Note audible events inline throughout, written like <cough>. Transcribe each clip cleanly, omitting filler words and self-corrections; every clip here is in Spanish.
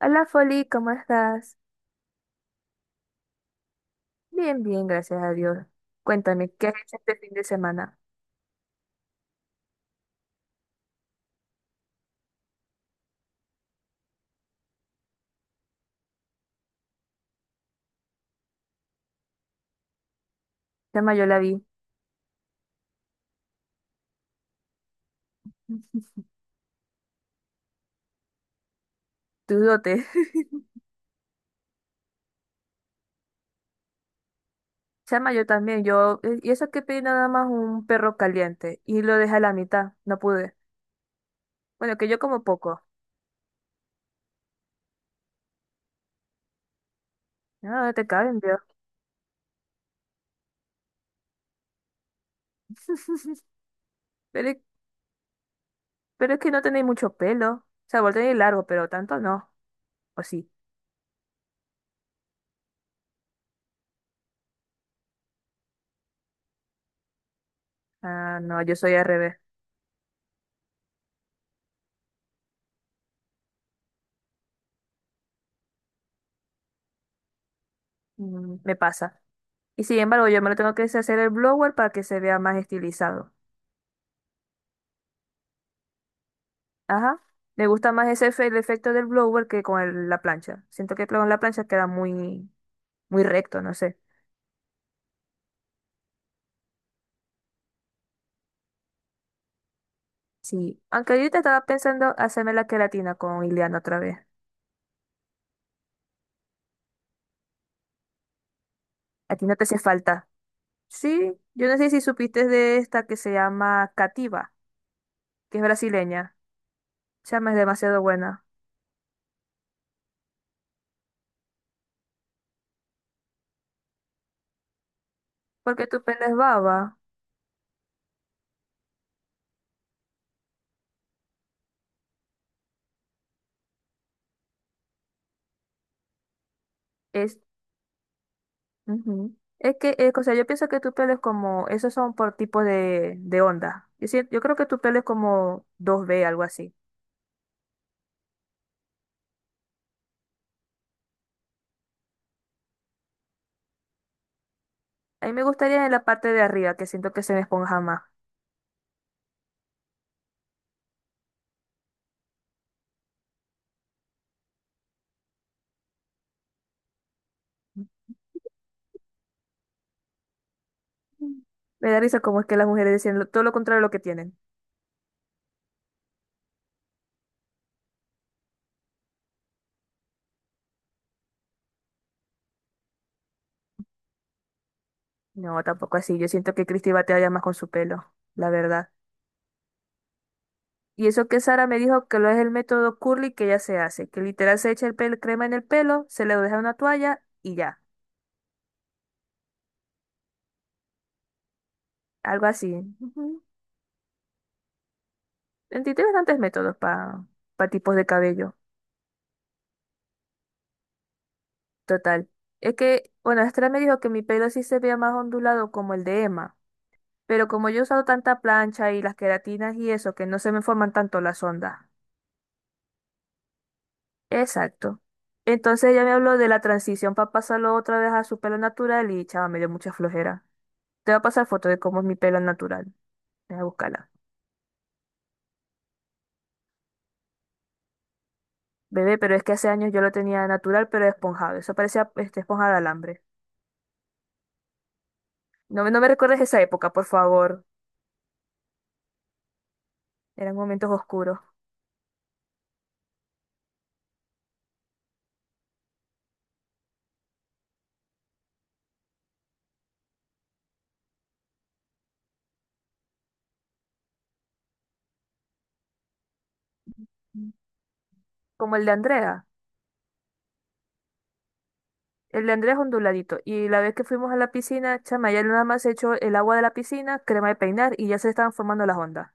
Hola Foli, ¿cómo estás? Bien, bien, gracias a Dios. Cuéntame, ¿qué has hecho este fin de semana? Chama, yo la vi. Tu dote. <laughs> Chama, yo también. Yo, y eso que pedí nada más un perro caliente y lo dejé a la mitad. No pude. Bueno, que yo como poco. No, te caben, Dios. Pero, pero es que no tenéis mucho pelo. O sea, vos tenéis largo, pero tanto no. ¿O sí? Ah, no, yo soy al revés. Mm, me pasa. Y sin embargo, yo me lo tengo que hacer el blower para que se vea más estilizado. Ajá. Me gusta más el efecto del blower que la plancha. Siento que con la plancha queda muy recto, no sé. Sí. Aunque ahorita estaba pensando hacerme la queratina con Ileana otra vez. A ti no te hace falta. Sí, yo no sé si supiste de esta que se llama Cativa, que es brasileña. Chama, es demasiado buena. Porque tu pelo es baba. Es. Ujú. Es que, o sea, yo pienso que tu pelo es como. Esos son por tipo de onda. Yo creo que tu pelo es como dos b, algo así. A mí me gustaría en la parte de arriba, que siento que se me esponja más. Me da risa como es que las mujeres dicen todo lo contrario de lo que tienen. No, tampoco así. Yo siento que Christy batalla más con su pelo, la verdad. Y eso que Sara me dijo que lo es el método curly que ella se hace, que literal se echa el pelo, crema en el pelo, se le deja una toalla y ya. Algo así. Ujú. En ti tiene bastantes métodos para tipos de cabello. Total. Es que, bueno, Sara me dijo que mi pelo sí se vea más ondulado como el de Emma. Pero como yo he usado tanta plancha y las queratinas y eso, que no se me forman tanto las ondas. Exacto. Entonces ella me habló de la transición para pasarlo otra vez a su pelo natural y chava, me dio mucha flojera. Te voy a pasar foto de cómo es mi pelo natural. Voy a buscarla. Bebé, pero es que hace años yo lo tenía natural, pero esponjado. Eso parecía este, esponja de alambre. No, no me recuerdes esa época, por favor. Eran momentos oscuros. Como el de Andrea. El de Andrés onduladito. Y la vez que fuimos a la piscina, chama, ya nada más se echó el agua de la piscina, crema de peinar y ya se estaban formando las ondas.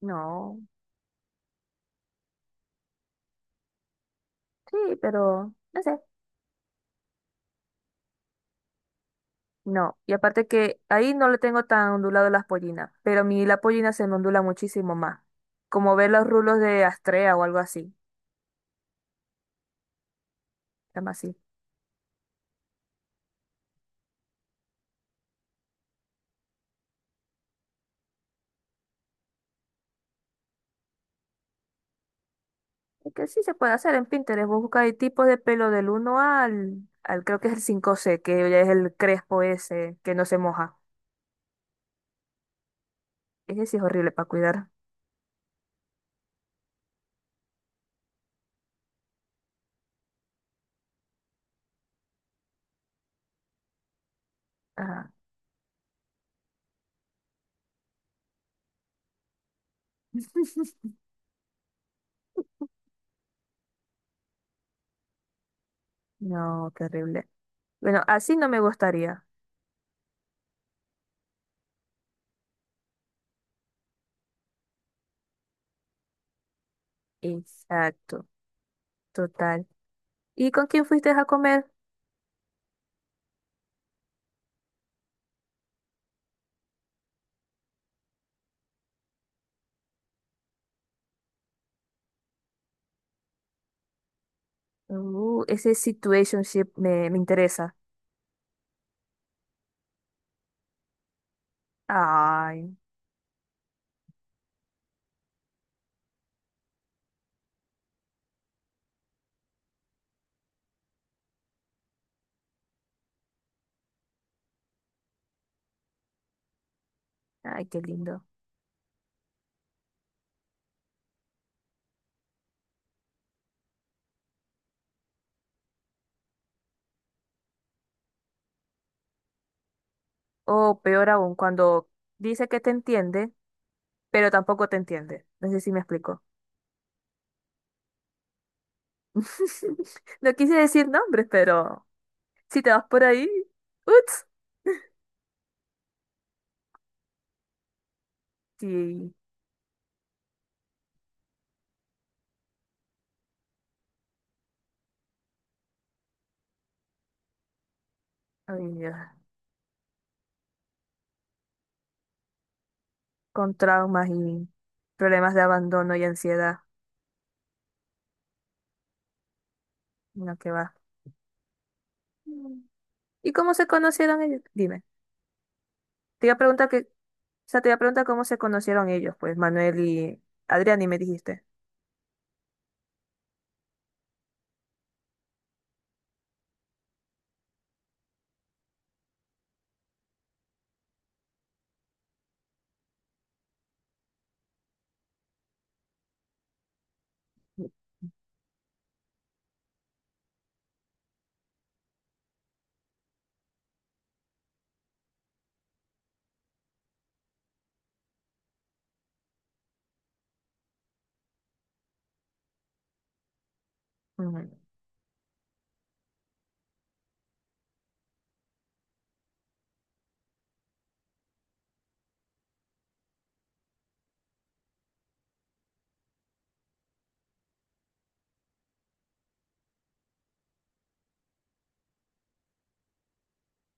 No, sí, pero no sé. No, y aparte que ahí no le tengo tan ondulado las pollinas, pero a mí la pollina se me ondula muchísimo más. Como ver los rulos de Astrea o algo así, llama así. Es que sí se puede hacer en Pinterest, vos buscáis tipos de pelo del uno al, creo que es el cinco c, que ya es el crespo ese, que no se moja. Ese sí es horrible para cuidar. Ajá. <laughs> No, terrible. Bueno, así no me gustaría. Exacto, total. ¿Y con quién fuiste a comer? Ese situationship me interesa. Ay, ay, qué lindo. O peor aún, cuando dice que te entiende, pero tampoco te entiende. No sé si me explico. <laughs> No quise decir nombres, pero si te vas por ahí, ups. Sí, ay, Dios. Con traumas y problemas de abandono y ansiedad. No, que va. ¿Y cómo se conocieron ellos? Dime. Te iba a preguntar que, o sea, te iba a preguntar cómo se conocieron ellos, pues Manuel y Adrián, y me dijiste. Ujú.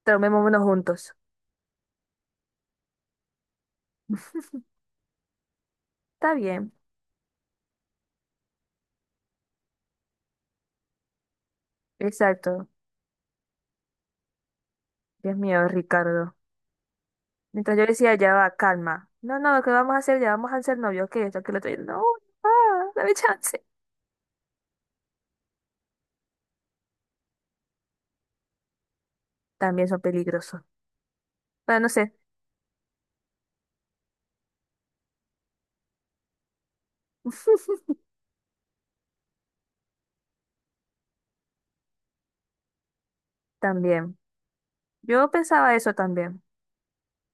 Tomémonos juntos. Está bien, exacto. Dios mío, Ricardo. Mientras yo decía, ya va, calma. No, no, ¿qué vamos a hacer? Ya vamos a ser novios, que esto, que lo otro. Y, yo, no, ah, dame chance. También son peligrosos. Pero no sé, también. Yo pensaba eso también.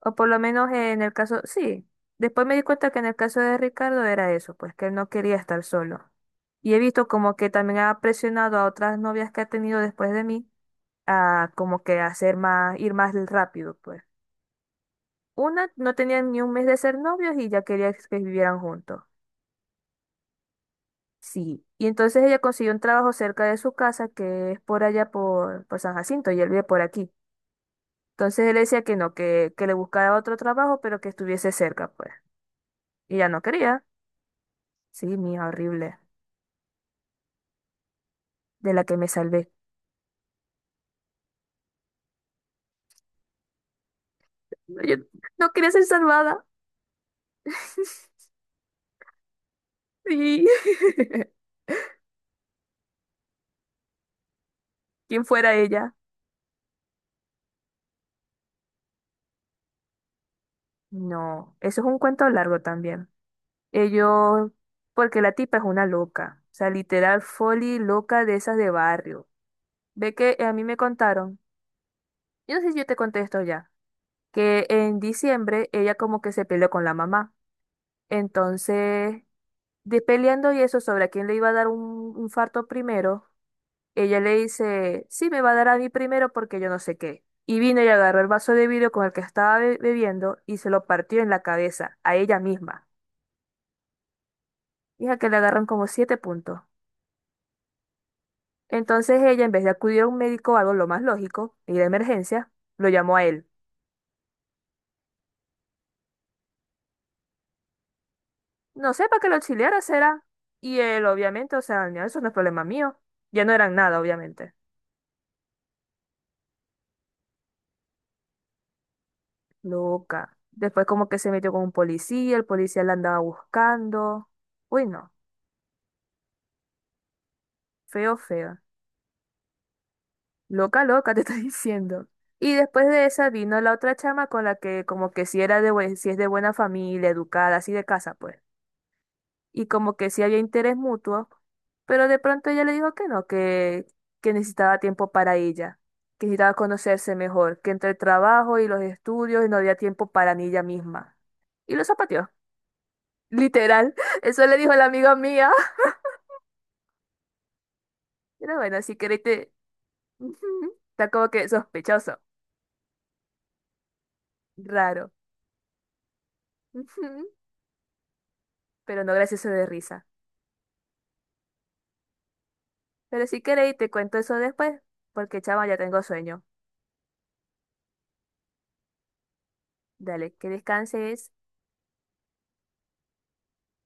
O por lo menos en el caso, sí. Después me di cuenta que en el caso de Ricardo era eso, pues que él no quería estar solo. Y he visto como que también ha presionado a otras novias que ha tenido después de mí a como que hacer más, ir más rápido, pues. Una no tenía ni un mes de ser novios y ya quería que vivieran juntos. Sí. Y entonces ella consiguió un trabajo cerca de su casa, que es por allá por San Jacinto, y él vive por aquí. Entonces él decía que no, que le buscara otro trabajo, pero que estuviese cerca, pues. Y ella no quería. Sí, mía, horrible. De la que me salvé. No, yo no quería ser salvada. <laughs> Sí. <laughs> ¿Quién fuera ella? No, eso es un cuento largo también. Ellos, porque la tipa es una loca. O sea, literal, foli loca de esas de barrio. Ve que a mí me contaron, yo no sé si yo te conté esto ya, que en diciembre ella como que se peleó con la mamá. Entonces, de peleando y eso sobre a quién le iba a dar un infarto primero. Ella le dice, sí, me va a dar a mí primero porque yo no sé qué. Y vino y agarró el vaso de vidrio con el que estaba bebiendo y se lo partió en la cabeza, a ella misma. Hija, que le agarran como siete puntos. Entonces ella, en vez de acudir a un médico o algo lo más lógico, ir de emergencia, lo llamó a él. No sé, para que lo auxiliara será. Y él, obviamente, o sea, "No, eso no es problema mío. Ya no eran nada, obviamente". Loca. Después como que se metió con un policía, el policía la andaba buscando. Uy, no. Feo, feo. Loca, loca, <laughs> te estoy diciendo. Y después de esa vino la otra chama con la que como que si era de, si es de buena familia, educada, así de casa, pues. Y como que sí había interés mutuo, pero de pronto ella le dijo que no, que necesitaba tiempo para ella, que necesitaba conocerse mejor, que entre el trabajo y los estudios no había tiempo para ni ella misma. Y lo zapateó, literal. <laughs> Eso le dijo la amiga mía. <laughs> Pero bueno, si queréis te... <laughs> Está como que sospechoso, raro. <laughs> Pero no gracioso de risa. Pero si queréis, te cuento eso después, porque chama, ya tengo sueño. Dale, que descanses.